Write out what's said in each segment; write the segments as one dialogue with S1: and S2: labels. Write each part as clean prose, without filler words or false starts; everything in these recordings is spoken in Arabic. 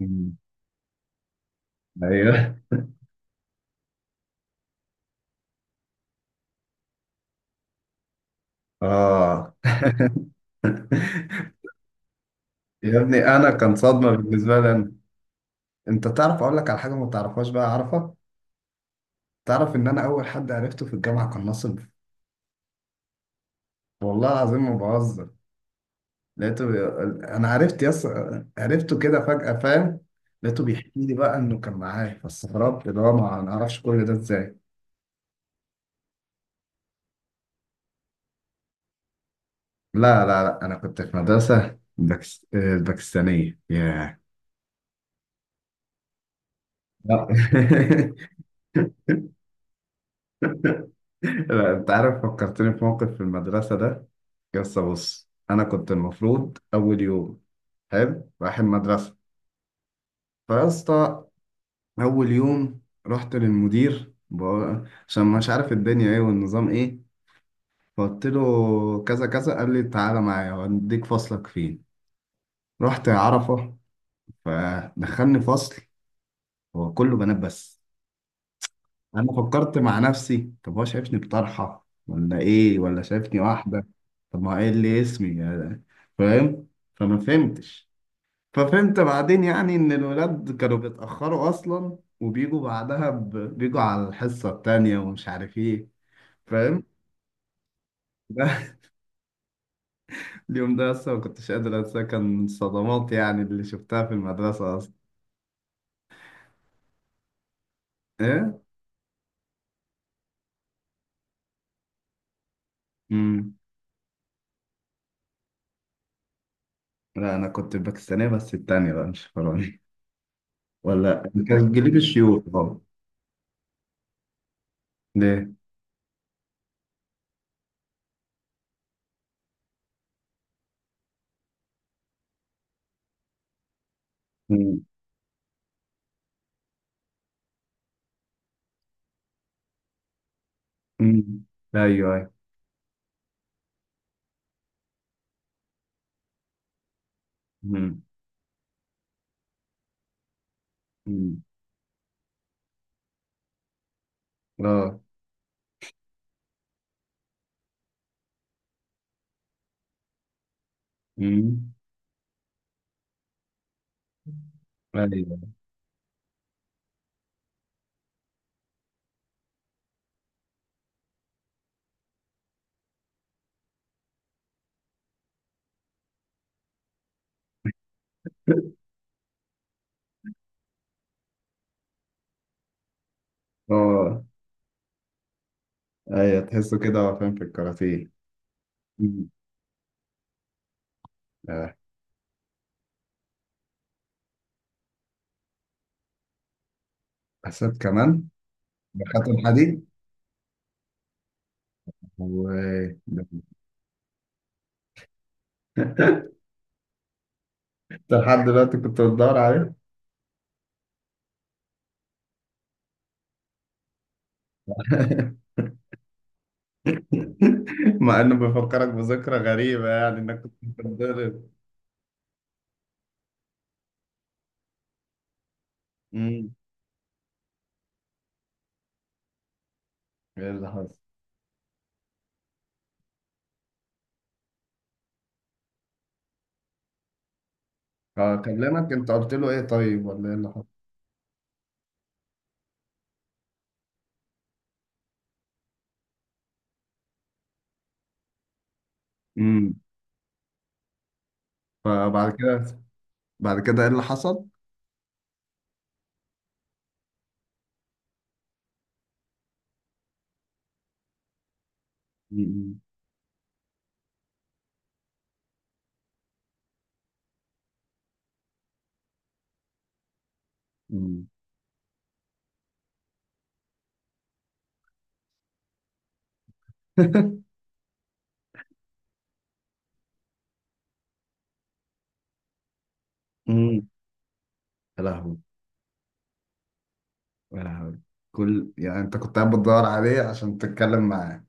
S1: مم. ايوه. اه. يا ابني انا كان صدمه بالنسبه لي أنا. انت تعرف، اقول لك على حاجه ما تعرفهاش بقى، عارفه؟ تعرف ان انا اول حد عرفته في الجامعه كان ناصر. والله العظيم ما بهزر. لقيته بي... انا عرفت يس. عرفته كده فجاه، فاهم؟ لقيته بيحكي لي بقى انه كان معايا، فاستغربت اللي هو ما اعرفش كل ده ازاي. لا لا لا، انا كنت في مدرسه باكستانيه، ياه. لا لا، انت عارف، فكرتني في موقف في المدرسه ده. يس، بص، انا كنت المفروض اول يوم حلو رايح المدرسه. فيسطا، اول يوم رحت للمدير عشان مش عارف الدنيا ايه والنظام ايه. فقلت له كذا كذا، قال لي تعالى معايا واديك فصلك فين. رحت عرفه، فدخلني فصل هو كله بنات بس. انا فكرت مع نفسي، طب هو شايفني بطرحه ولا ايه؟ ولا شايفني واحده؟ طب ما هو ايه اللي اسمي يعني، فاهم؟ فما فهمتش. ففهمت بعدين يعني ان الولاد كانوا بيتأخروا اصلا وبيجوا بعدها. بيجوا على الحصة التانية ومش عارف ايه، فاهم؟ ده اليوم ده اصلا ما كنتش قادر انساه، كان من الصدمات يعني اللي شفتها في المدرسة اصلا. ايه. امم. لا، انا كنت باكستانية، بس التانية بقى مش فرنسي ولا. كان جليب الشيوخ طبعا. ليه؟ امم. امم. ايوه، ايوه. امم. امم. اه. امم. ايوه. اه. ايوه، تحسه كده هو فاهم في الكاراتيه. أمم. حسيت كمان بخاتم حديد. وانت لحد دلوقتي كنت بتدور عليه؟ مع انه بيفكرك بذكرى غريبة يعني، انك كنت بتتضرب. امم. ايه اللي حصل؟ كلمك؟ انت قلت له ايه طيب ولا ايه اللي حصل؟ امم. فبعد كده بعد كده ايه اللي حصل؟ امم. امم. امم. يا لهوي. يا لهوي. كل يعني، انت كنت قاعد بتدور عليه عشان تتكلم معاه؟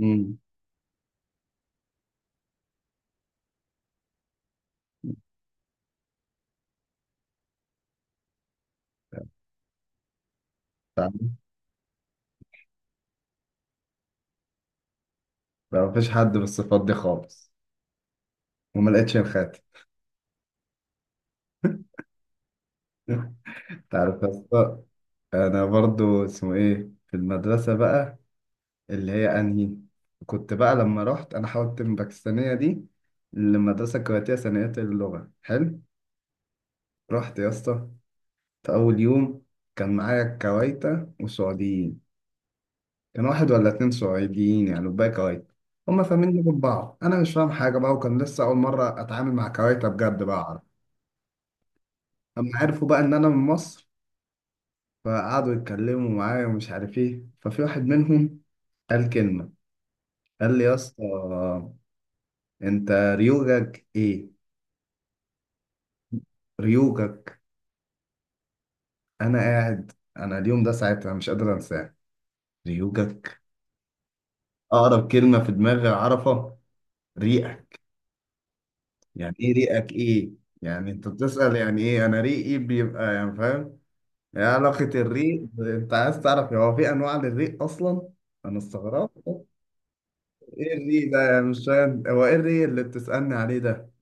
S1: امم. لا مفيش حد بالصفات دي خالص. وما لقيتش الخاتم. انت عارف يا اسطى، انا برضو اسمه ايه في المدرسه بقى؟ اللي هي انهي؟ كنت بقى لما رحت انا حاولت من باكستانيه دي للمدرسه الكويتيه ثانويه اللغه، حلو؟ رحت يا اسطى في اول يوم. كان معايا كويتة وسعوديين. كان واحد ولا اتنين سعوديين يعني وباقي كويت. هما فاهمين لغة بعض، انا مش فاهم حاجه بقى، وكان لسه اول مره اتعامل مع كويتة بجد بقى، اعرف. اما عرفوا بقى ان انا من مصر، فقعدوا يتكلموا معايا ومش عارف ايه، ففي واحد منهم قال كلمة. قال لي يا اسطى، انت ريوجك ايه؟ ريوجك. انا قاعد، انا اليوم ده ساعتها مش قادر انساه. ريوجك. اقرب كلمة في دماغي اعرفها، ريقك. يعني ايه ريقك؟ ايه يعني؟ انت بتسأل يعني ايه، انا ريقي بيبقى يعني، فاهم؟ ايه علاقة الريق؟ انت عايز تعرف هو في انواع للريق اصلا؟ انا استغربت. ايه الريق ده يعني، مش فاهم هو ايه الريق اللي بتسألني عليه ده.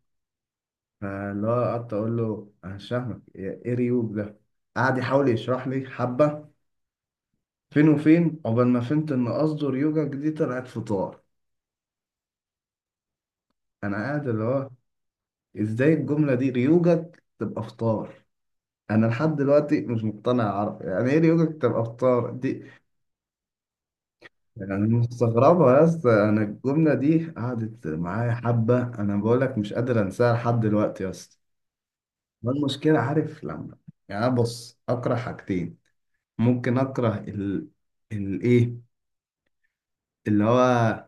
S1: فاللي هو قعدت اقول له انا مش فاهمك، إيه ريوج ده؟ قعد يحاول يشرح لي حبه، فين وفين عقبال ما فهمت ان قصده ريوجك دي طلعت فطار. انا قاعد اللي هو، ازاي الجمله دي ريوجك تبقى فطار؟ انا لحد دلوقتي مش مقتنع يا عرب، يعني ايه ريوجك تبقى فطار دي؟ يعني مستغربه يا اسطى، انا الجمله دي قعدت معايا حبه، انا بقول لك مش قادر انساها لحد دلوقتي يا اسطى. ما المشكله عارف لما، يعني أنا بص اكره حاجتين، ممكن اكره الايه اللي هو،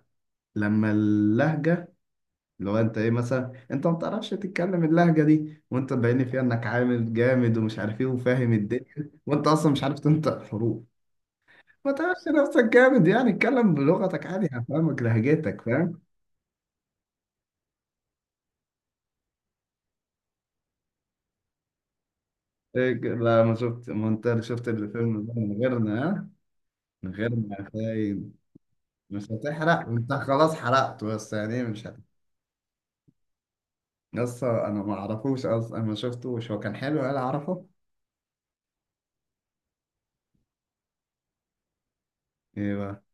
S1: لما اللهجه، اللي هو انت ايه مثلا، انت ما بتعرفش تتكلم اللهجه دي وانت باين فيها انك عامل جامد ومش عارف ايه وفاهم الدنيا وانت اصلا مش عارف تنطق حروف. ما تعرفش نفسك جامد يعني، اتكلم بلغتك عادي هفهمك لهجتك، فاهم؟ إيه، لا، ما شفت؟ ما انت اللي شفت الفيلم ده من غيرنا، ها؟ من غيرنا هتلاقي. مش هتحرق، انت خلاص حرقت، بس يعني إيه. مش هت... لسه انا ما اعرفوش اصلا، انا ما شفتوش هو كان حلو ولا. اعرفه؟ ايه بقى؟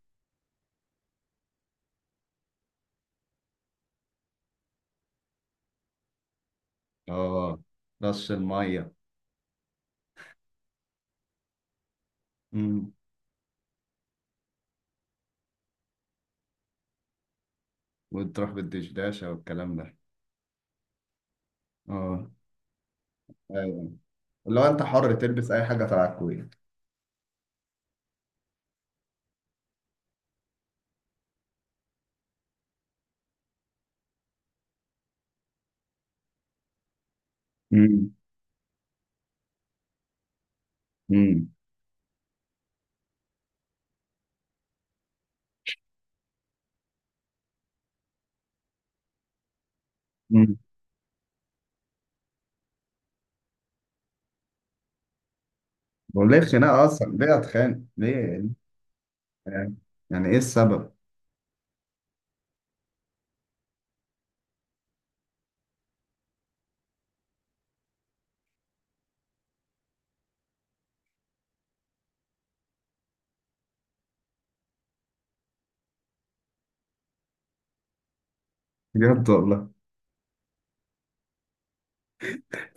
S1: اه. رش المية. امم. وتروح بالدشداشة والكلام ده. اه. ايوه، اللي هو انت حر تلبس اي حاجة تبع الكويت. امم. امم. امم. وليه خناقة اصلا؟ ليه اتخانق ليه يعني؟ يعني ايه السبب؟ بجد والله.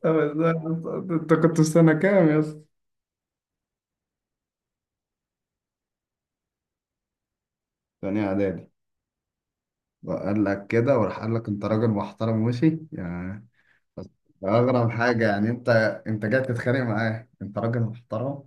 S1: طب ازاي يا اسطى؟ انت كنت في سنة كام يا اسطى؟ تاني اعدادي. وقال لك كده وراح قال لك انت راجل محترم وشي يعني؟ بس. ده اغرب حاجة يعني، انت جاي تتخانق معاه انت راجل محترم.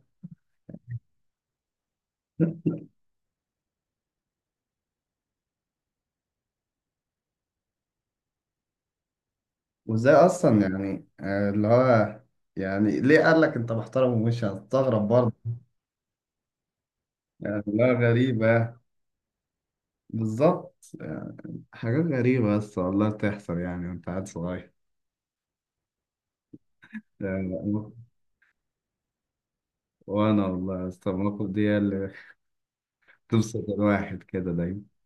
S1: وازاي اصلا يعني اللي هو، يعني ليه قال لك انت محترم ومش هتستغرب برضه؟ يعني لا غريبة، بالظبط يعني، حاجات غريبة بس والله بتحصل يعني وانت قاعد صغير يعني. وانا والله يا اسطى، المواقف دي هي اللي بتبسط الواحد كده دايما.